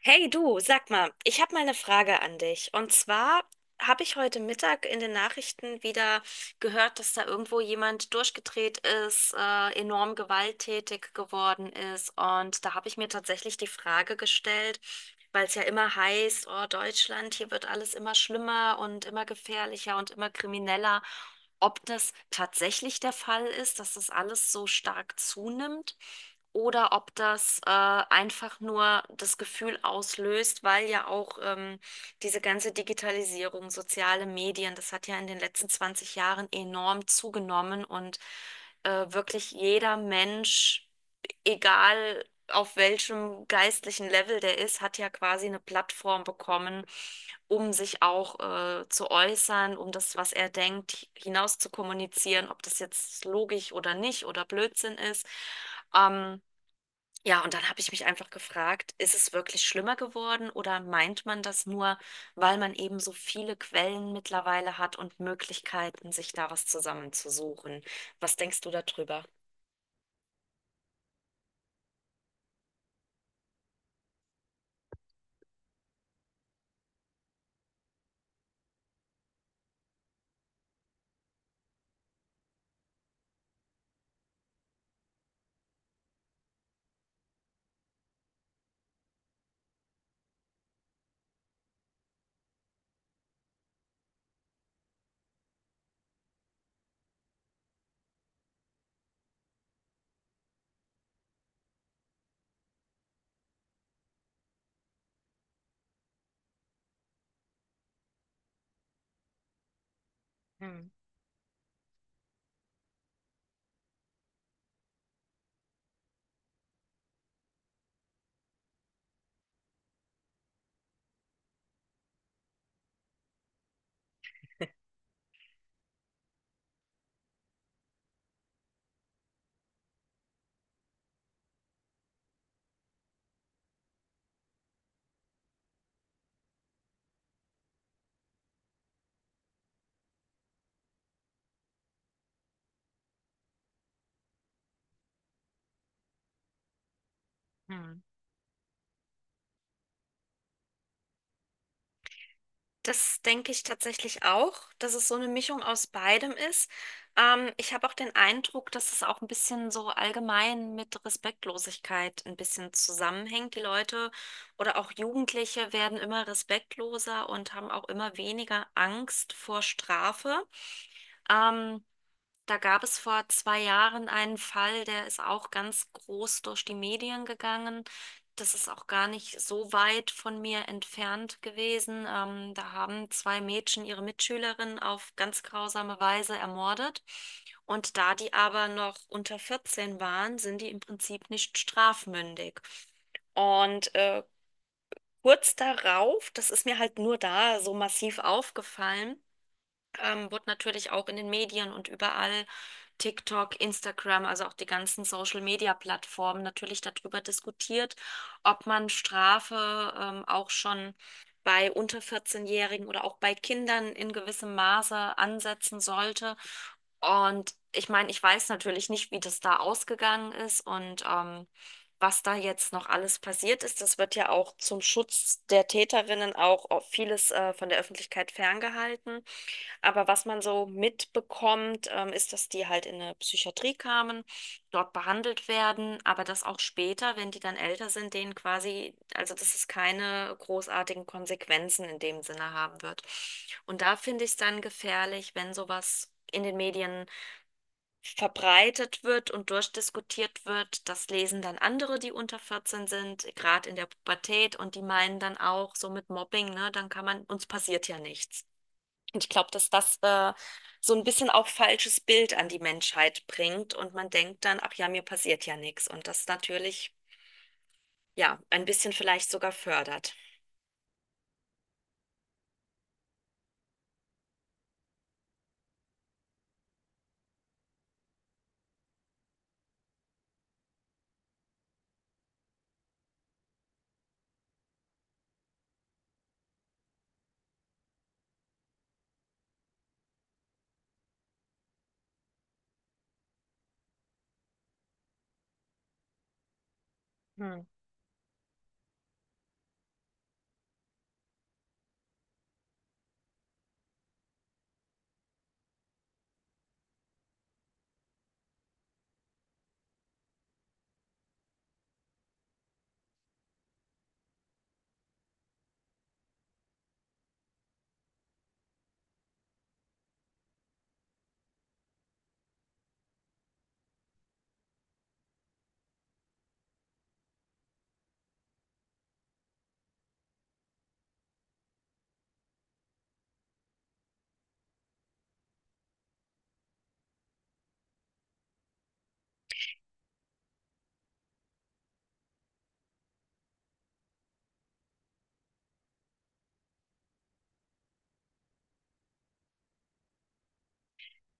Hey du, sag mal, ich habe mal eine Frage an dich. Und zwar habe ich heute Mittag in den Nachrichten wieder gehört, dass da irgendwo jemand durchgedreht ist, enorm gewalttätig geworden ist. Und da habe ich mir tatsächlich die Frage gestellt, weil es ja immer heißt, oh Deutschland, hier wird alles immer schlimmer und immer gefährlicher und immer krimineller, ob das tatsächlich der Fall ist, dass das alles so stark zunimmt oder ob das einfach nur das Gefühl auslöst, weil ja auch diese ganze Digitalisierung, soziale Medien, das hat ja in den letzten 20 Jahren enorm zugenommen. Und wirklich jeder Mensch, egal auf welchem geistlichen Level der ist, hat ja quasi eine Plattform bekommen, um sich auch zu äußern, um das, was er denkt, hinaus zu kommunizieren, ob das jetzt logisch oder nicht oder Blödsinn ist. Ähm, ja, und dann habe ich mich einfach gefragt, ist es wirklich schlimmer geworden oder meint man das nur, weil man eben so viele Quellen mittlerweile hat und Möglichkeiten, sich da was zusammenzusuchen? Was denkst du darüber? Hm, hm. Das denke ich tatsächlich auch, dass es so eine Mischung aus beidem ist. Ich habe auch den Eindruck, dass es auch ein bisschen so allgemein mit Respektlosigkeit ein bisschen zusammenhängt. Die Leute oder auch Jugendliche werden immer respektloser und haben auch immer weniger Angst vor Strafe. Ähm, Da gab es vor 2 Jahren einen Fall, der ist auch ganz groß durch die Medien gegangen. Das ist auch gar nicht so weit von mir entfernt gewesen. Da haben zwei Mädchen ihre Mitschülerin auf ganz grausame Weise ermordet. Und da die aber noch unter 14 waren, sind die im Prinzip nicht strafmündig. Und kurz darauf, das ist mir halt nur da so massiv aufgefallen, wurde natürlich auch in den Medien und überall, TikTok, Instagram, also auch die ganzen Social-Media-Plattformen, natürlich darüber diskutiert, ob man Strafe auch schon bei unter 14-Jährigen oder auch bei Kindern in gewissem Maße ansetzen sollte. Und ich meine, ich weiß natürlich nicht, wie das da ausgegangen ist und was da jetzt noch alles passiert ist. Das wird ja auch zum Schutz der Täterinnen auch vieles von der Öffentlichkeit ferngehalten. Aber was man so mitbekommt, ist, dass die halt in eine Psychiatrie kamen, dort behandelt werden, aber dass auch später, wenn die dann älter sind, denen quasi, also dass es keine großartigen Konsequenzen in dem Sinne haben wird. Und da finde ich es dann gefährlich, wenn sowas in den Medien verbreitet wird und durchdiskutiert wird. Das lesen dann andere, die unter 14 sind, gerade in der Pubertät, und die meinen dann auch so mit Mobbing, ne, dann kann man, uns passiert ja nichts. Und ich glaube, dass das so ein bisschen auch falsches Bild an die Menschheit bringt und man denkt dann, ach ja, mir passiert ja nichts. Und das natürlich, ja, ein bisschen vielleicht sogar fördert. Hm.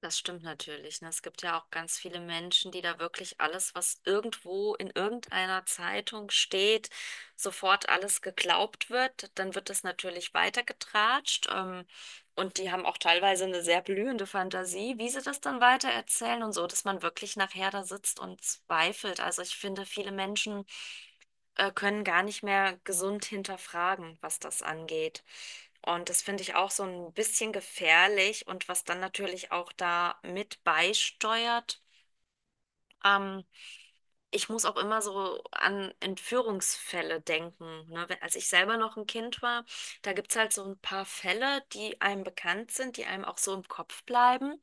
Das stimmt natürlich. Ne? Es gibt ja auch ganz viele Menschen, die da wirklich alles, was irgendwo in irgendeiner Zeitung steht, sofort alles geglaubt wird. Dann wird das natürlich weitergetratscht. Und die haben auch teilweise eine sehr blühende Fantasie, wie sie das dann weitererzählen und so, dass man wirklich nachher da sitzt und zweifelt. Also ich finde, viele Menschen können gar nicht mehr gesund hinterfragen, was das angeht. Und das finde ich auch so ein bisschen gefährlich und was dann natürlich auch da mit beisteuert. Ähm, Ich muss auch immer so an Entführungsfälle denken. Ne? Wenn, als ich selber noch ein Kind war, da gibt es halt so ein paar Fälle, die einem bekannt sind, die einem auch so im Kopf bleiben.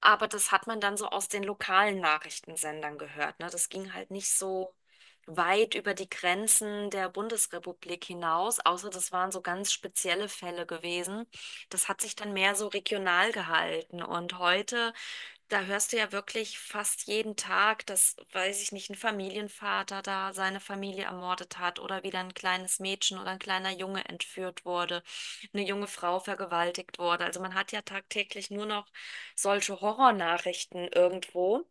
Aber das hat man dann so aus den lokalen Nachrichtensendern gehört, ne? Das ging halt nicht so weit über die Grenzen der Bundesrepublik hinaus, außer das waren so ganz spezielle Fälle gewesen. Das hat sich dann mehr so regional gehalten. Und heute, da hörst du ja wirklich fast jeden Tag, dass, weiß ich nicht, ein Familienvater da seine Familie ermordet hat oder wieder ein kleines Mädchen oder ein kleiner Junge entführt wurde, eine junge Frau vergewaltigt wurde. Also man hat ja tagtäglich nur noch solche Horrornachrichten irgendwo.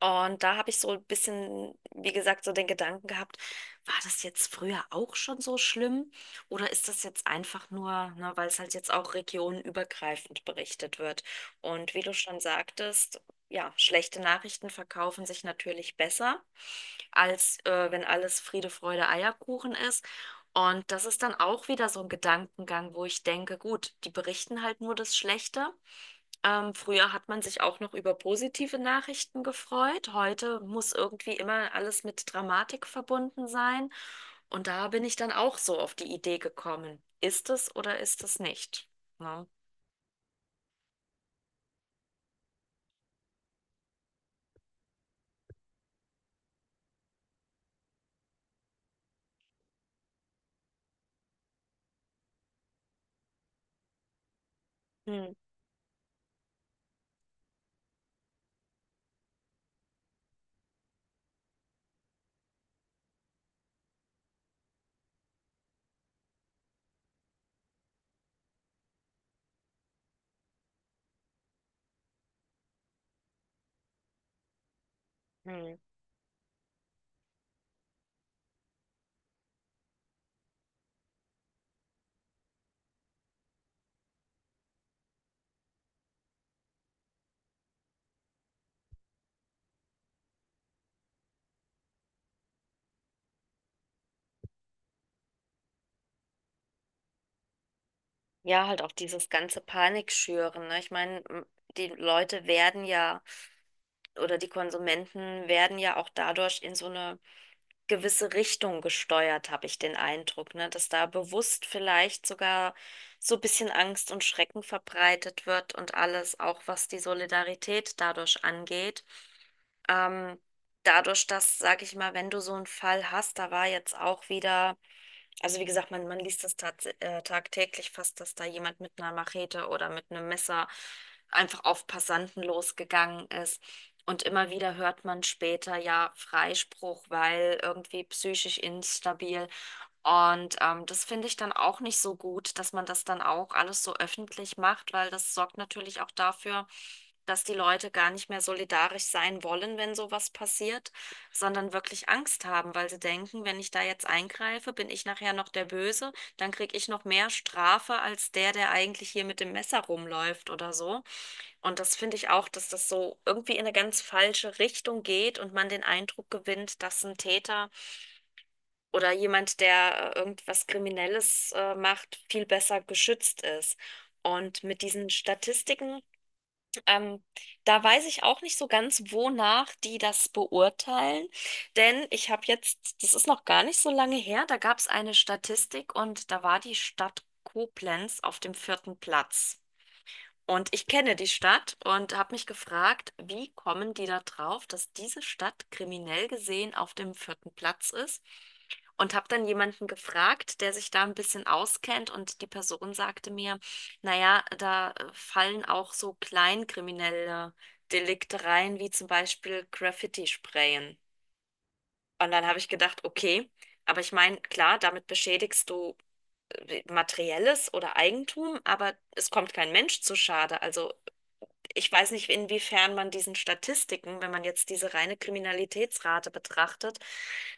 Und da habe ich so ein bisschen, wie gesagt, so den Gedanken gehabt, war das jetzt früher auch schon so schlimm oder ist das jetzt einfach nur, ne, weil es halt jetzt auch regionenübergreifend berichtet wird? Und wie du schon sagtest, ja, schlechte Nachrichten verkaufen sich natürlich besser, als wenn alles Friede, Freude, Eierkuchen ist. Und das ist dann auch wieder so ein Gedankengang, wo ich denke, gut, die berichten halt nur das Schlechte. Früher hat man sich auch noch über positive Nachrichten gefreut. Heute muss irgendwie immer alles mit Dramatik verbunden sein. Und da bin ich dann auch so auf die Idee gekommen. Ist es oder ist es nicht? Ne? Hm, hm. Ja, halt auch dieses ganze Panikschüren. Ne? Ich meine, die Leute werden ja, oder die Konsumenten werden ja auch dadurch in so eine gewisse Richtung gesteuert, habe ich den Eindruck, ne? Dass da bewusst vielleicht sogar so ein bisschen Angst und Schrecken verbreitet wird und alles, auch was die Solidarität dadurch angeht. Ähm, Dadurch, dass, sag ich mal, wenn du so einen Fall hast, da war jetzt auch wieder. Also wie gesagt, man liest das tats tagtäglich fast, dass da jemand mit einer Machete oder mit einem Messer einfach auf Passanten losgegangen ist. Und immer wieder hört man später ja Freispruch, weil irgendwie psychisch instabil. Und das finde ich dann auch nicht so gut, dass man das dann auch alles so öffentlich macht, weil das sorgt natürlich auch dafür, dass die Leute gar nicht mehr solidarisch sein wollen, wenn sowas passiert, sondern wirklich Angst haben, weil sie denken, wenn ich da jetzt eingreife, bin ich nachher noch der Böse, dann kriege ich noch mehr Strafe als der, der eigentlich hier mit dem Messer rumläuft oder so. Und das finde ich auch, dass das so irgendwie in eine ganz falsche Richtung geht und man den Eindruck gewinnt, dass ein Täter oder jemand, der irgendwas Kriminelles macht, viel besser geschützt ist. Und mit diesen Statistiken, ähm, da weiß ich auch nicht so ganz, wonach die das beurteilen. Denn ich habe jetzt, das ist noch gar nicht so lange her, da gab es eine Statistik und da war die Stadt Koblenz auf dem vierten Platz. Und ich kenne die Stadt und habe mich gefragt, wie kommen die da drauf, dass diese Stadt kriminell gesehen auf dem vierten Platz ist? Und habe dann jemanden gefragt, der sich da ein bisschen auskennt, und die Person sagte mir, naja, da fallen auch so kleinkriminelle Delikte rein, wie zum Beispiel Graffiti-Sprayen. Und dann habe ich gedacht, okay, aber ich meine, klar, damit beschädigst du Materielles oder Eigentum, aber es kommt kein Mensch zu Schade. Also ich weiß nicht, inwiefern man diesen Statistiken, wenn man jetzt diese reine Kriminalitätsrate betrachtet,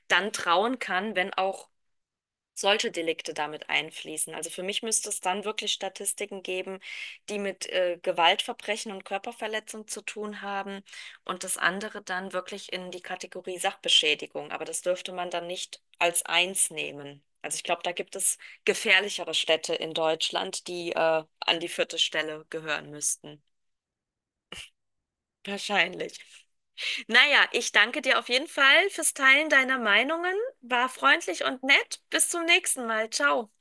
dann trauen kann, wenn auch solche Delikte damit einfließen. Also für mich müsste es dann wirklich Statistiken geben, die mit Gewaltverbrechen und Körperverletzung zu tun haben, und das andere dann wirklich in die Kategorie Sachbeschädigung. Aber das dürfte man dann nicht als eins nehmen. Also ich glaube, da gibt es gefährlichere Städte in Deutschland, die an die vierte Stelle gehören müssten. Wahrscheinlich. Naja, ich danke dir auf jeden Fall fürs Teilen deiner Meinungen. War freundlich und nett. Bis zum nächsten Mal. Ciao.